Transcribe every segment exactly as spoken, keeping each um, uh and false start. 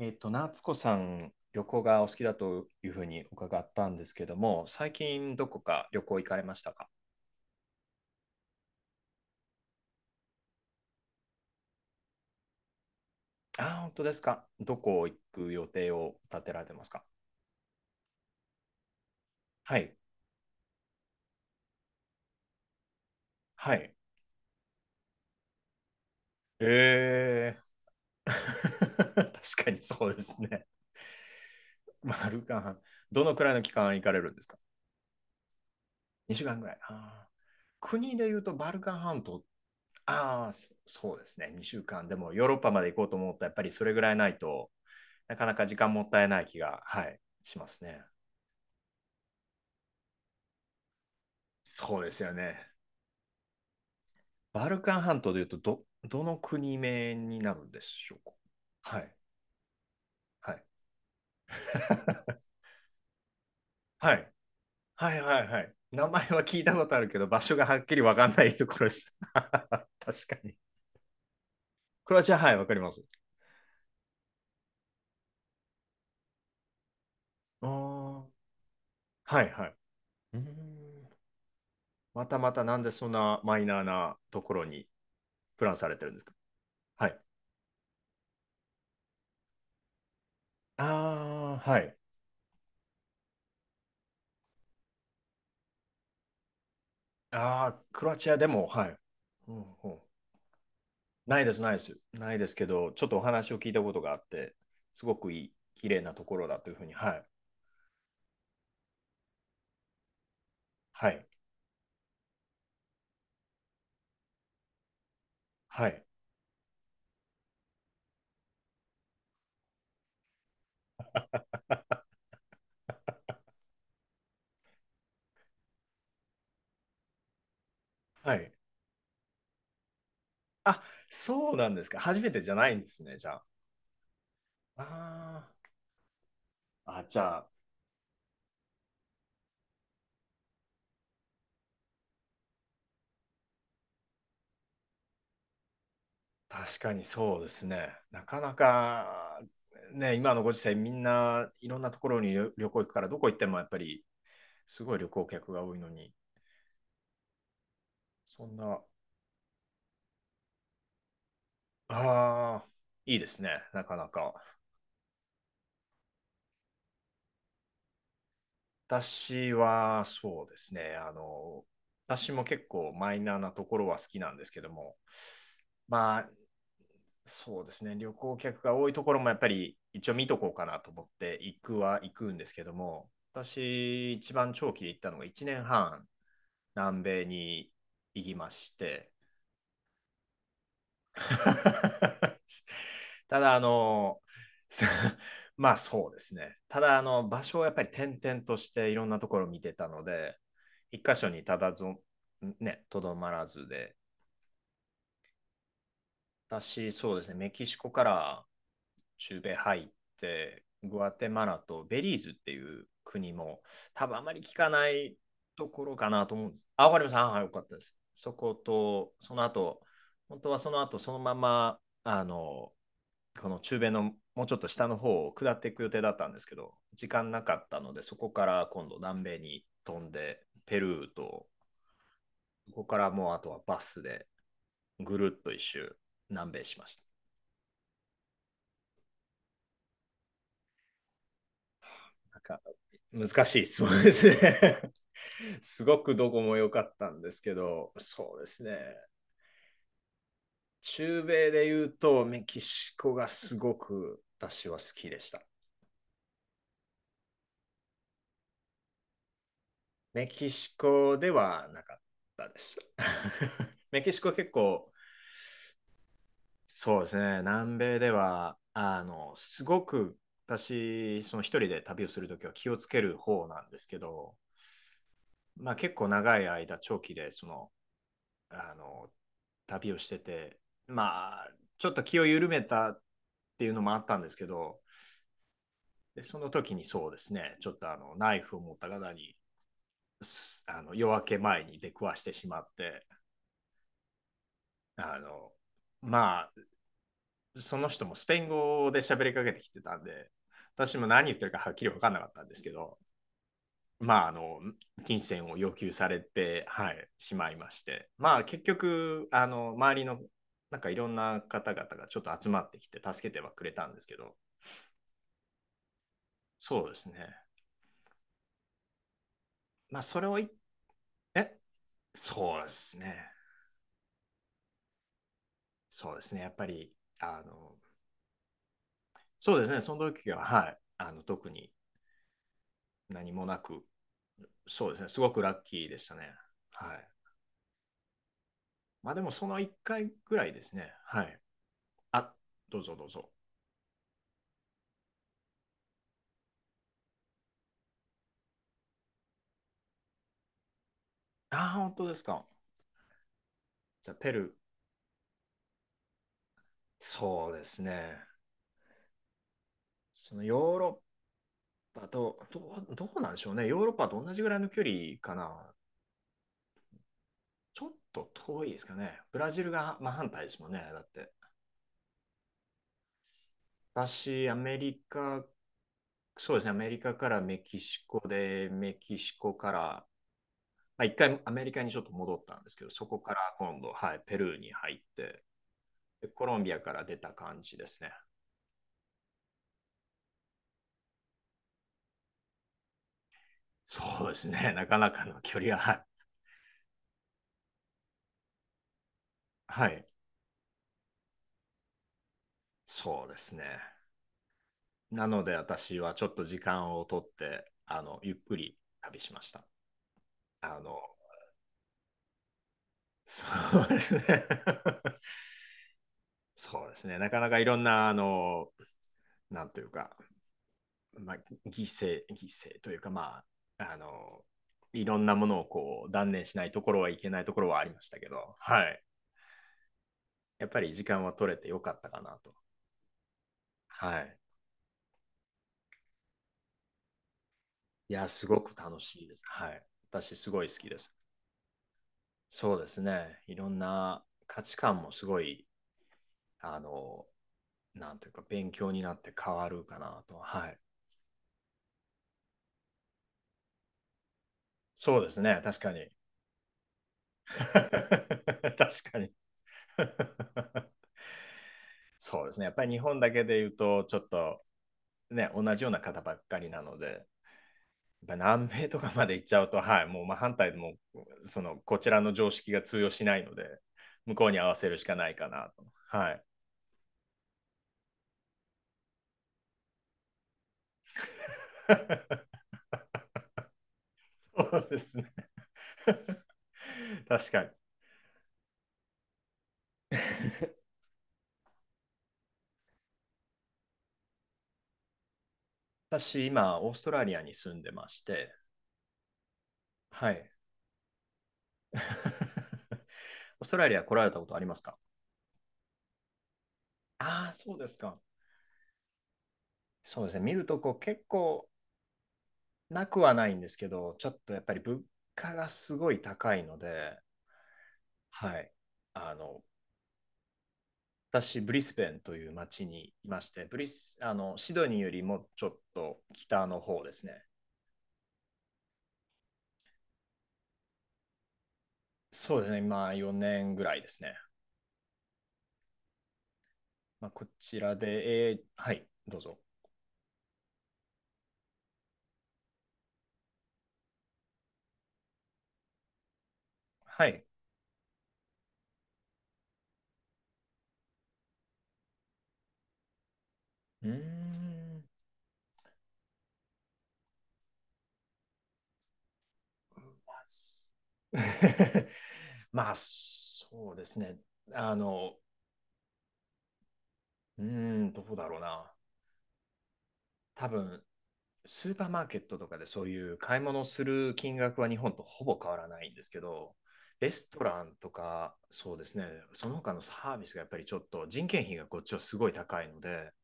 えっと、夏子さん、旅行がお好きだというふうに伺ったんですけども、最近どこか旅行行かれましたか？あー、本当ですか。どこ行く予定を立てられてますか？はい。はい。えー、確かにそうですね。バルカン半、どのくらいの期間行かれるんですか？ ?に 週間ぐらい。あー、国で言うとバルカン半島、ああ、そそうですね。にしゅうかん。でもヨーロッパまで行こうと思ったらやっぱりそれぐらいないと、なかなか時間もったいない気が、はい、しますね。そうですよね。バルカン半島でいうとど、どの国名になるんでしょうか？はい。はい。はい。はいはいはい。名前は聞いたことあるけど、場所がはっきりわかんないところです 確かに。クロアチア、はい、わかります。ああ、はいはい。うーんまたまたなんでそんなマイナーなところにプランされてるんですか？はい。ああ、はい。ああ、クロアチアでも、はい。うんうん。ないです、ないです。ないですけど、ちょっとお話を聞いたことがあって、すごくいい、綺麗なところだというふうに、はい、はい、はい、はい。あ、そうなんですか。初めてじゃないんですね、じゃあ。ああ、あじゃあ、確かにそうですね。なかなか、ね、今のご時世、みんないろんなところに旅旅行行くから、どこ行ってもやっぱり、すごい旅行客が多いのに、そんな、ああ、いいですね、なかなか。私はそうですね、あの、私も結構マイナーなところは好きなんですけども、まあ、そうですね、旅行客が多いところもやっぱり一応見とこうかなと思って行くは行くんですけども、私、一番長期で行ったのがいちねんはん、南米に行きまして、ただ、あの、まあそうですね。ただ、あの、場所をやっぱり転々としていろんなところを見てたので、一箇所にただぞ、ね、とどまらずで、私、そうですね、メキシコから中米入って、グアテマラとベリーズっていう国も、多分あまり聞かないところかなと思うんです。あ、わかりました。あ、はい、よかったです。そこと、その後、本当はその後、そのまま、あの、この中米のもうちょっと下の方を下っていく予定だったんですけど、時間なかったので、そこから今度南米に飛んで、ペルーと、ここからもうあとはバスでぐるっと一周南米しました。なんか難しい質問ですね。すごくどこも良かったんですけど、そうですね。中米で言うとメキシコがすごく私は好きでした。メキシコではなかったです。メキシコ結構そうですね、南米ではあのすごく、私、その一人で旅をするときは気をつける方なんですけど、まあ、結構長い間、長期でそのあの、旅をしてて、まあ、ちょっと気を緩めたっていうのもあったんですけど、でその時にそうですね、ちょっとあの、ナイフを持った方に、あの夜明け前に出くわしてしまって、あの、まあ、その人もスペイン語で喋りかけてきてたんで、私も何言ってるかはっきり分かんなかったんですけど、まあ、あの、金銭を要求されて、はい、しまいまして、まあ、結局、あの、周りの、なんかいろんな方々がちょっと集まってきて、助けてはくれたんですけど、そうですね。まあ、それをい、え、そうですね。そうですね。やっぱり、あの、そうですね。その時は、はい、あの、特に何もなく、そうですね。すごくラッキーでしたね。はい。まあ、でも、そのいっかいぐらいですね。はい。あ、どうぞどうぞ。あー、本当ですか。じゃあ、ペルー、そうですね。そのヨーロッパと、どう、どうなんでしょうね。ヨーロッパと同じぐらいの距離かな。ちょっと遠いですかね。ブラジルが真反対ですもんね。だって。私、アメリカ、そうですね。アメリカからメキシコで、メキシコから、まあ、一回アメリカにちょっと戻ったんですけど、そこから今度、はい、ペルーに入って、でコロンビアから出た感じですね。そうですね。なかなかの距離が、はい。はい。そうですね。なので私はちょっと時間を取って、あの、ゆっくり旅しました。あの、そうですね そうですね。なかなかいろんな、あの、なんというか、まあ、犠牲、犠牲というか、まあ、あの、いろんなものをこう断念しないところはいけないところはありましたけど、はい。やっぱり時間は取れてよかったかなと。はい。いや、すごく楽しいです。はい。私、すごい好きです。そうですね。いろんな価値観もすごい、あの、なんというか、勉強になって変わるかなと。はい。そうですね、確かに。確かに。そうですね、やっぱり日本だけで言うと、ちょっとね、同じような方ばっかりなので、やっぱ南米とかまで行っちゃうと、はい、もう真反対でも、その、こちらの常識が通用しないので、向こうに合わせるしかないかなと。はい。そうですね。確かに。私、今、オーストラリアに住んでまして、はい。オーストラリア来られたことありますか？ああ、そうですか。そうですね、見るとこう結構なくはないんですけど、ちょっとやっぱり物価がすごい高いので、はい。あの、私、ブリスベンという町にいまして、ブリス、あの、シドニーよりもちょっと北の方ですね。そうですね、今よねんぐらいですね。まあ、こちらで、えーはい、どうぞ。はい。うーん。まあ、そうですね。あの、うーん、どうだろうな。多分、スーパーマーケットとかでそういう買い物をする金額は日本とほぼ変わらないんですけど、レストランとか、そうですね、その他のサービスがやっぱりちょっと人件費がこっちはすごい高いので、やっ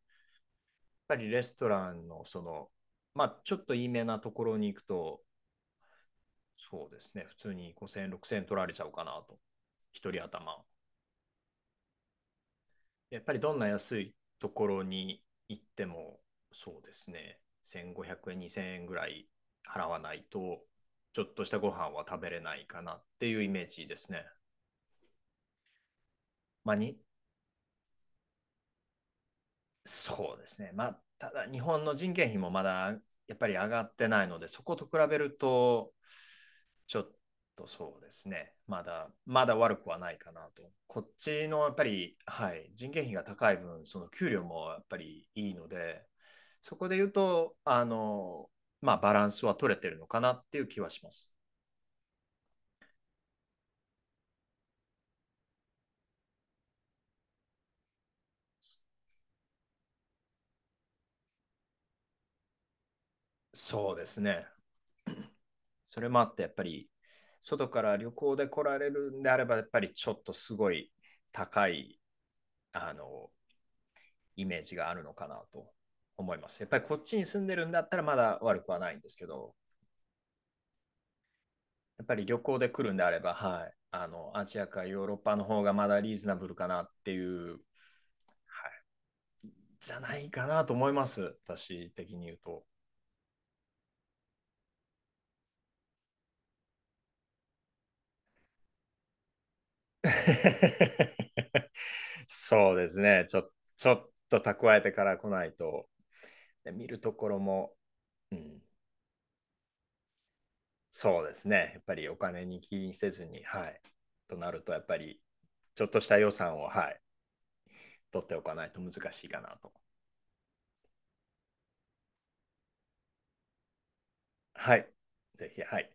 ぱりレストランのその、まあちょっといいめなところに行くと、そうですね、普通にごせんえん、ろくせんえん取られちゃうかなと、一人頭。やっぱりどんな安いところに行っても、そうですね、せんごひゃくえん、にせんえんぐらい払わないと、ちょっとしたご飯は食べれないかなっていうイメージですね。まあ、に、そうですね。まあ、ただ日本の人件費もまだやっぱり上がってないので、そこと比べると、ちょっとそうですね。まだまだ悪くはないかなと。こっちのやっぱり、はい、人件費が高い分、その給料もやっぱりいいので、そこで言うと、あの、まあ、バランスは取れてるのかなっていう気はします。そうですね。それもあって、やっぱり、外から旅行で来られるんであれば、やっぱりちょっとすごい高い、あの、イメージがあるのかなと思います。やっぱりこっちに住んでるんだったらまだ悪くはないんですけど、やっぱり旅行で来るんであれば、はい、あのアジアかヨーロッパの方がまだリーズナブルかなっていう、はい、じゃないかなと思います、私的に言うと。そうですね、ちょちょっと蓄えてから来ないと、で見るところも、うん、そうですね、やっぱりお金に気にせずに、はい、となると、やっぱりちょっとした予算を、はい、取っておかないと難しいかなと。はい、ぜひ、はい。